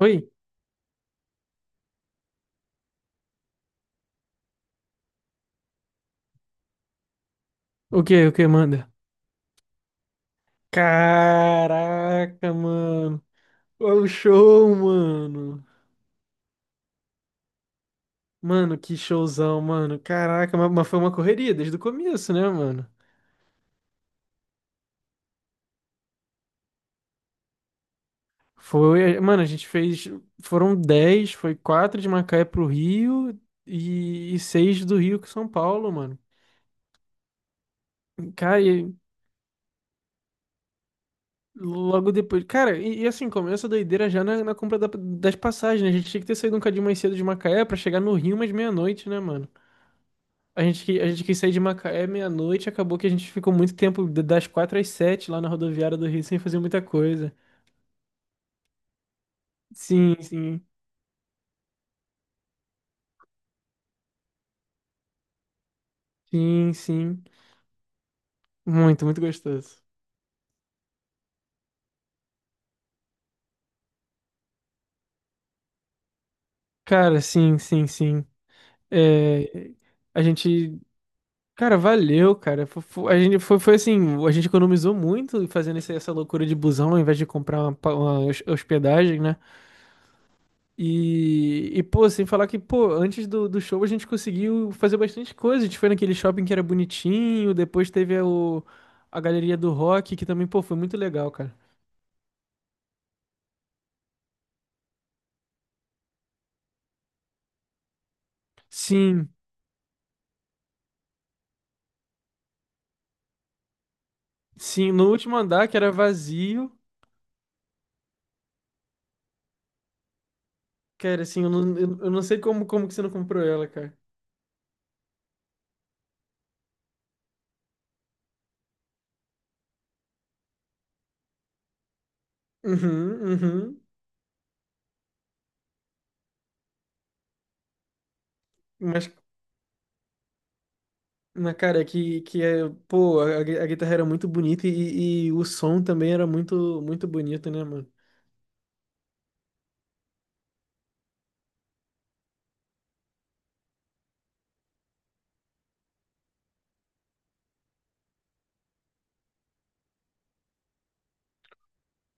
Oi? O que manda? Caraca, mano. Olha o show, mano. Mano, que showzão, mano. Caraca, mas, foi uma correria desde o começo, né, mano? Foi, mano, foram 10, foi quatro de Macaé pro Rio e, 6 do Rio com São Paulo, mano. Cara, e logo depois, cara, e assim, começa a doideira já na compra das passagens, né? A gente tinha que ter saído um cadinho mais cedo de Macaé pra chegar no Rio mais meia-noite, né, mano? A gente quis sair de Macaé meia-noite, acabou que a gente ficou muito tempo das quatro às sete lá na rodoviária do Rio sem fazer muita coisa. Sim, sim, sim, sim. Muito, muito gostoso. Cara, sim, sim, sim. É, a gente. Cara, valeu, cara. A gente foi, foi assim, a gente economizou muito fazendo essa loucura de busão ao invés de comprar uma hospedagem, né? Pô, sem falar que, pô, antes do show a gente conseguiu fazer bastante coisa. A gente foi naquele shopping que era bonitinho, depois teve a galeria do rock, que também, pô, foi muito legal, cara. Sim, sim, no último andar, que era vazio, cara, assim, eu não sei como, como que você não comprou ela, cara. Uhum, uhum. Mas, na cara, que é, pô, a guitarra era muito bonita e o som também era muito, muito bonito, né, mano?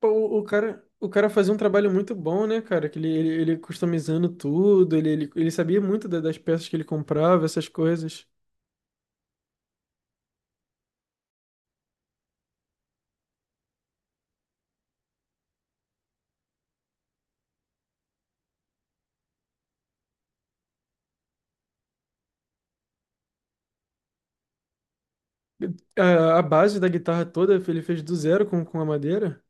Pô, o cara fazia um trabalho muito bom, né, cara? Que ele customizando tudo, ele sabia muito das peças que ele comprava, essas coisas. A base da guitarra toda ele fez do zero com a madeira.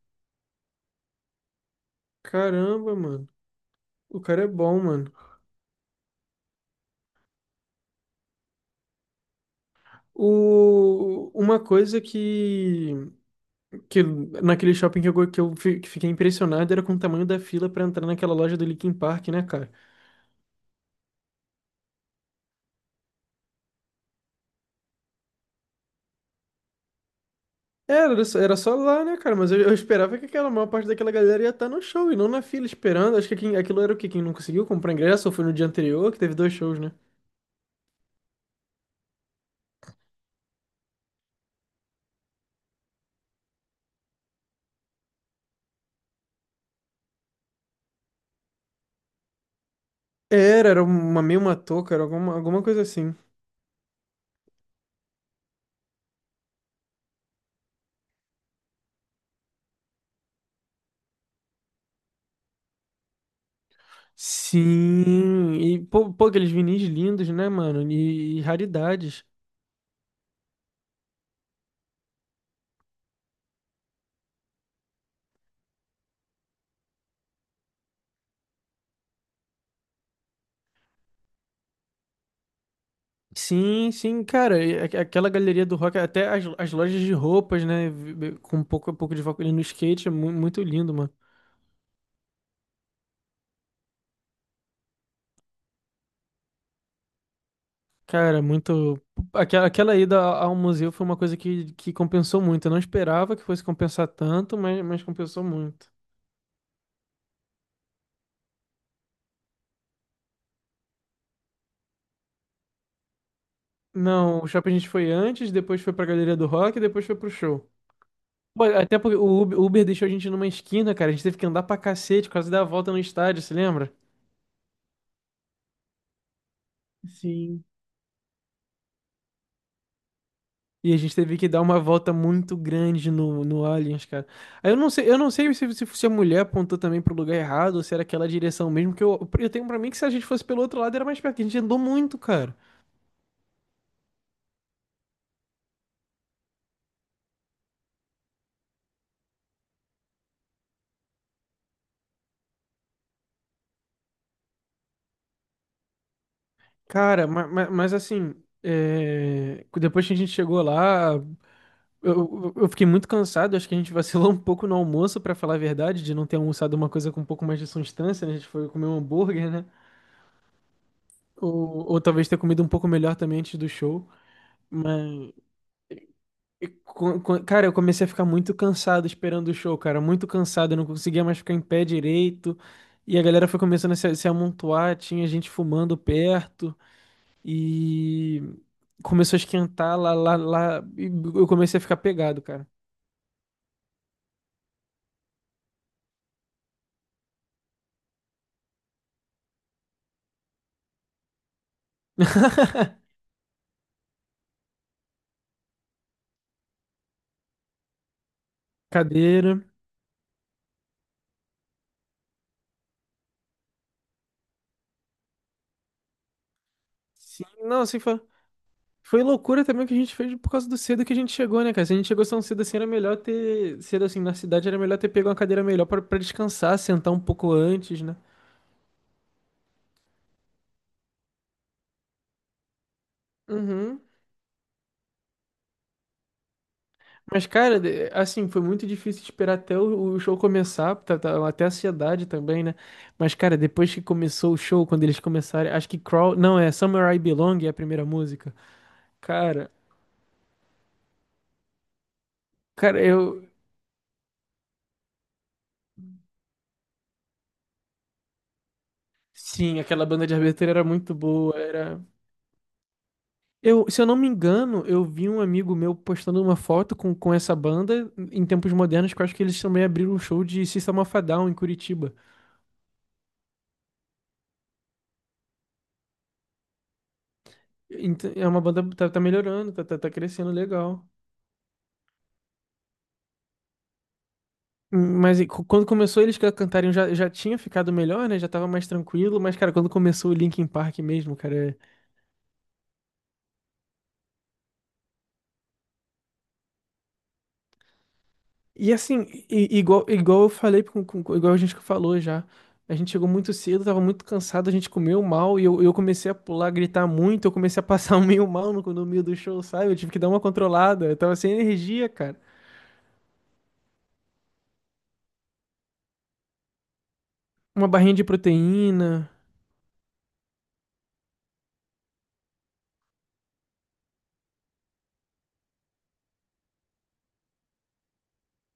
Caramba, mano. O cara é bom, mano. O, uma coisa que naquele shopping que eu, go- que eu fi- que fiquei impressionado era com o tamanho da fila pra entrar naquela loja do Linkin Park, né, cara? Era só lá, né, cara? Mas eu esperava que aquela maior parte daquela galera ia estar no show e não na fila esperando. Acho que aquilo era o quê? Quem não conseguiu comprar ingresso ou foi no dia anterior, que teve dois shows, né? Era uma touca, era alguma, alguma coisa assim. Sim, e pô, pô, aqueles vinis lindos, né, mano? E raridades. Sim, sim, cara, e aquela galeria do rock, até as, as lojas de roupas, né, com um pouco de foco ali no skate, é muito lindo, mano. Cara, muito. Aquela, aquela ida ao museu foi uma coisa que compensou muito. Eu não esperava que fosse compensar tanto, mas compensou muito. Não, o shopping a gente foi antes, depois foi pra Galeria do Rock, e depois foi pro show. Pô, até porque o Uber deixou a gente numa esquina, cara. A gente teve que andar pra cacete, quase dar a volta no estádio, se lembra? Sim. E a gente teve que dar uma volta muito grande no Aliens, cara. Aí eu não sei se a mulher apontou também pro lugar errado ou se era aquela direção mesmo, que eu tenho pra mim que se a gente fosse pelo outro lado era mais perto, que a gente andou muito, cara. Cara, mas, assim, é, depois que a gente chegou lá, eu fiquei muito cansado, acho que a gente vacilou um pouco no almoço, pra falar a verdade, de não ter almoçado uma coisa com um pouco mais de substância, né? A gente foi comer um hambúrguer, né? Ou talvez ter comido um pouco melhor também antes do show. Mas. Cara, eu comecei a ficar muito cansado esperando o show, cara. Muito cansado, eu não conseguia mais ficar em pé direito. E a galera foi começando a se, se amontoar, tinha gente fumando perto. E começou a esquentar lá. E eu comecei a ficar pegado, cara. Cadeira. Sim, não, assim, foi, foi loucura também que a gente fez por causa do cedo que a gente chegou, né, cara? Se a gente chegou tão cedo assim, era melhor ter. Cedo assim, na cidade, era melhor ter pego uma cadeira melhor pra descansar, sentar um pouco antes, né? Uhum. Mas, cara, assim, foi muito difícil esperar até o show começar, até a ansiedade também, né? Mas, cara, depois que começou o show, quando eles começaram, acho que Crawl, não, é Somewhere I Belong é a primeira música. Cara, cara, eu, sim, aquela banda de abertura era muito boa, era... Eu, se eu não me engano, eu vi um amigo meu postando uma foto com essa banda em tempos modernos, que eu acho que eles também abriram um show de System of a Down em Curitiba. É uma banda que tá melhorando, tá crescendo legal. Mas quando começou eles a cantarem já, já tinha ficado melhor, né? Já tava mais tranquilo, mas, cara, quando começou o Linkin Park mesmo, cara. E assim, igual, igual eu falei, igual a gente que falou já. A gente chegou muito cedo, tava muito cansado, a gente comeu mal e eu comecei a pular, gritar muito, eu comecei a passar meio mal no meio do show, sabe? Eu tive que dar uma controlada, eu tava sem energia, cara. Uma barrinha de proteína.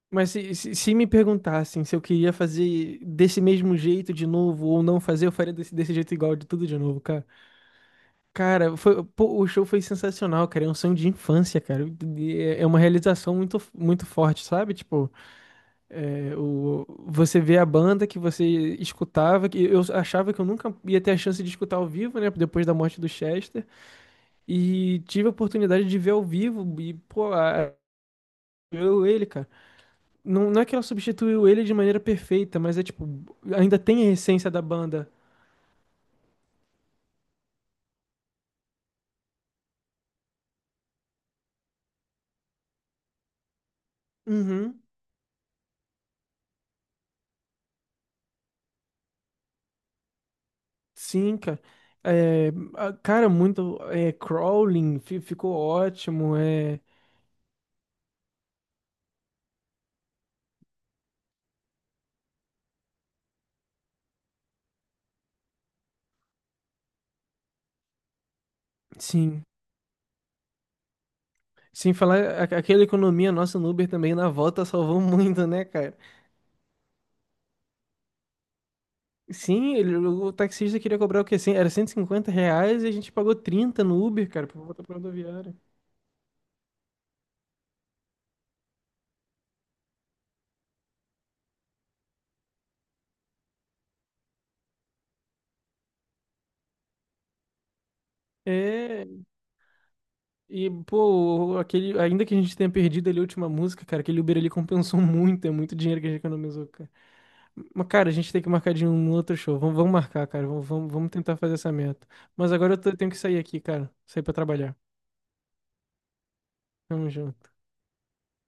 Mas se me perguntassem se eu queria fazer desse mesmo jeito de novo ou não fazer, eu faria desse jeito igual de tudo de novo, cara. Cara, foi, pô, o show foi sensacional, cara. É um sonho de infância, cara. E é uma realização muito, muito forte, sabe? Tipo, é, o, você vê a banda que você escutava, que eu achava que eu nunca ia ter a chance de escutar ao vivo, né? Depois da morte do Chester. E tive a oportunidade de ver ao vivo e, pô, a- eu ele, cara. Não, não é que ela substituiu ele de maneira perfeita, mas é tipo, ainda tem a essência da banda. Uhum, sim, cara. É, cara, muito. É, Crawling ficou ótimo. É, sim. Sem falar, aquela economia nossa no Uber também na volta salvou muito, né, cara? Sim, o taxista queria cobrar o quê? Era R$ 150 e a gente pagou 30 no Uber, cara, pra voltar pra rodoviária. É, e, pô, aquele, ainda que a gente tenha perdido ali a última música, cara, aquele Uber ali compensou muito, é muito dinheiro que a gente economizou, cara. Mas, cara, a gente tem que marcar de um outro show. Vamos, vamos marcar, cara. Vamos tentar fazer essa meta. Mas agora eu tenho que sair aqui, cara. Sair pra trabalhar. Tamo junto.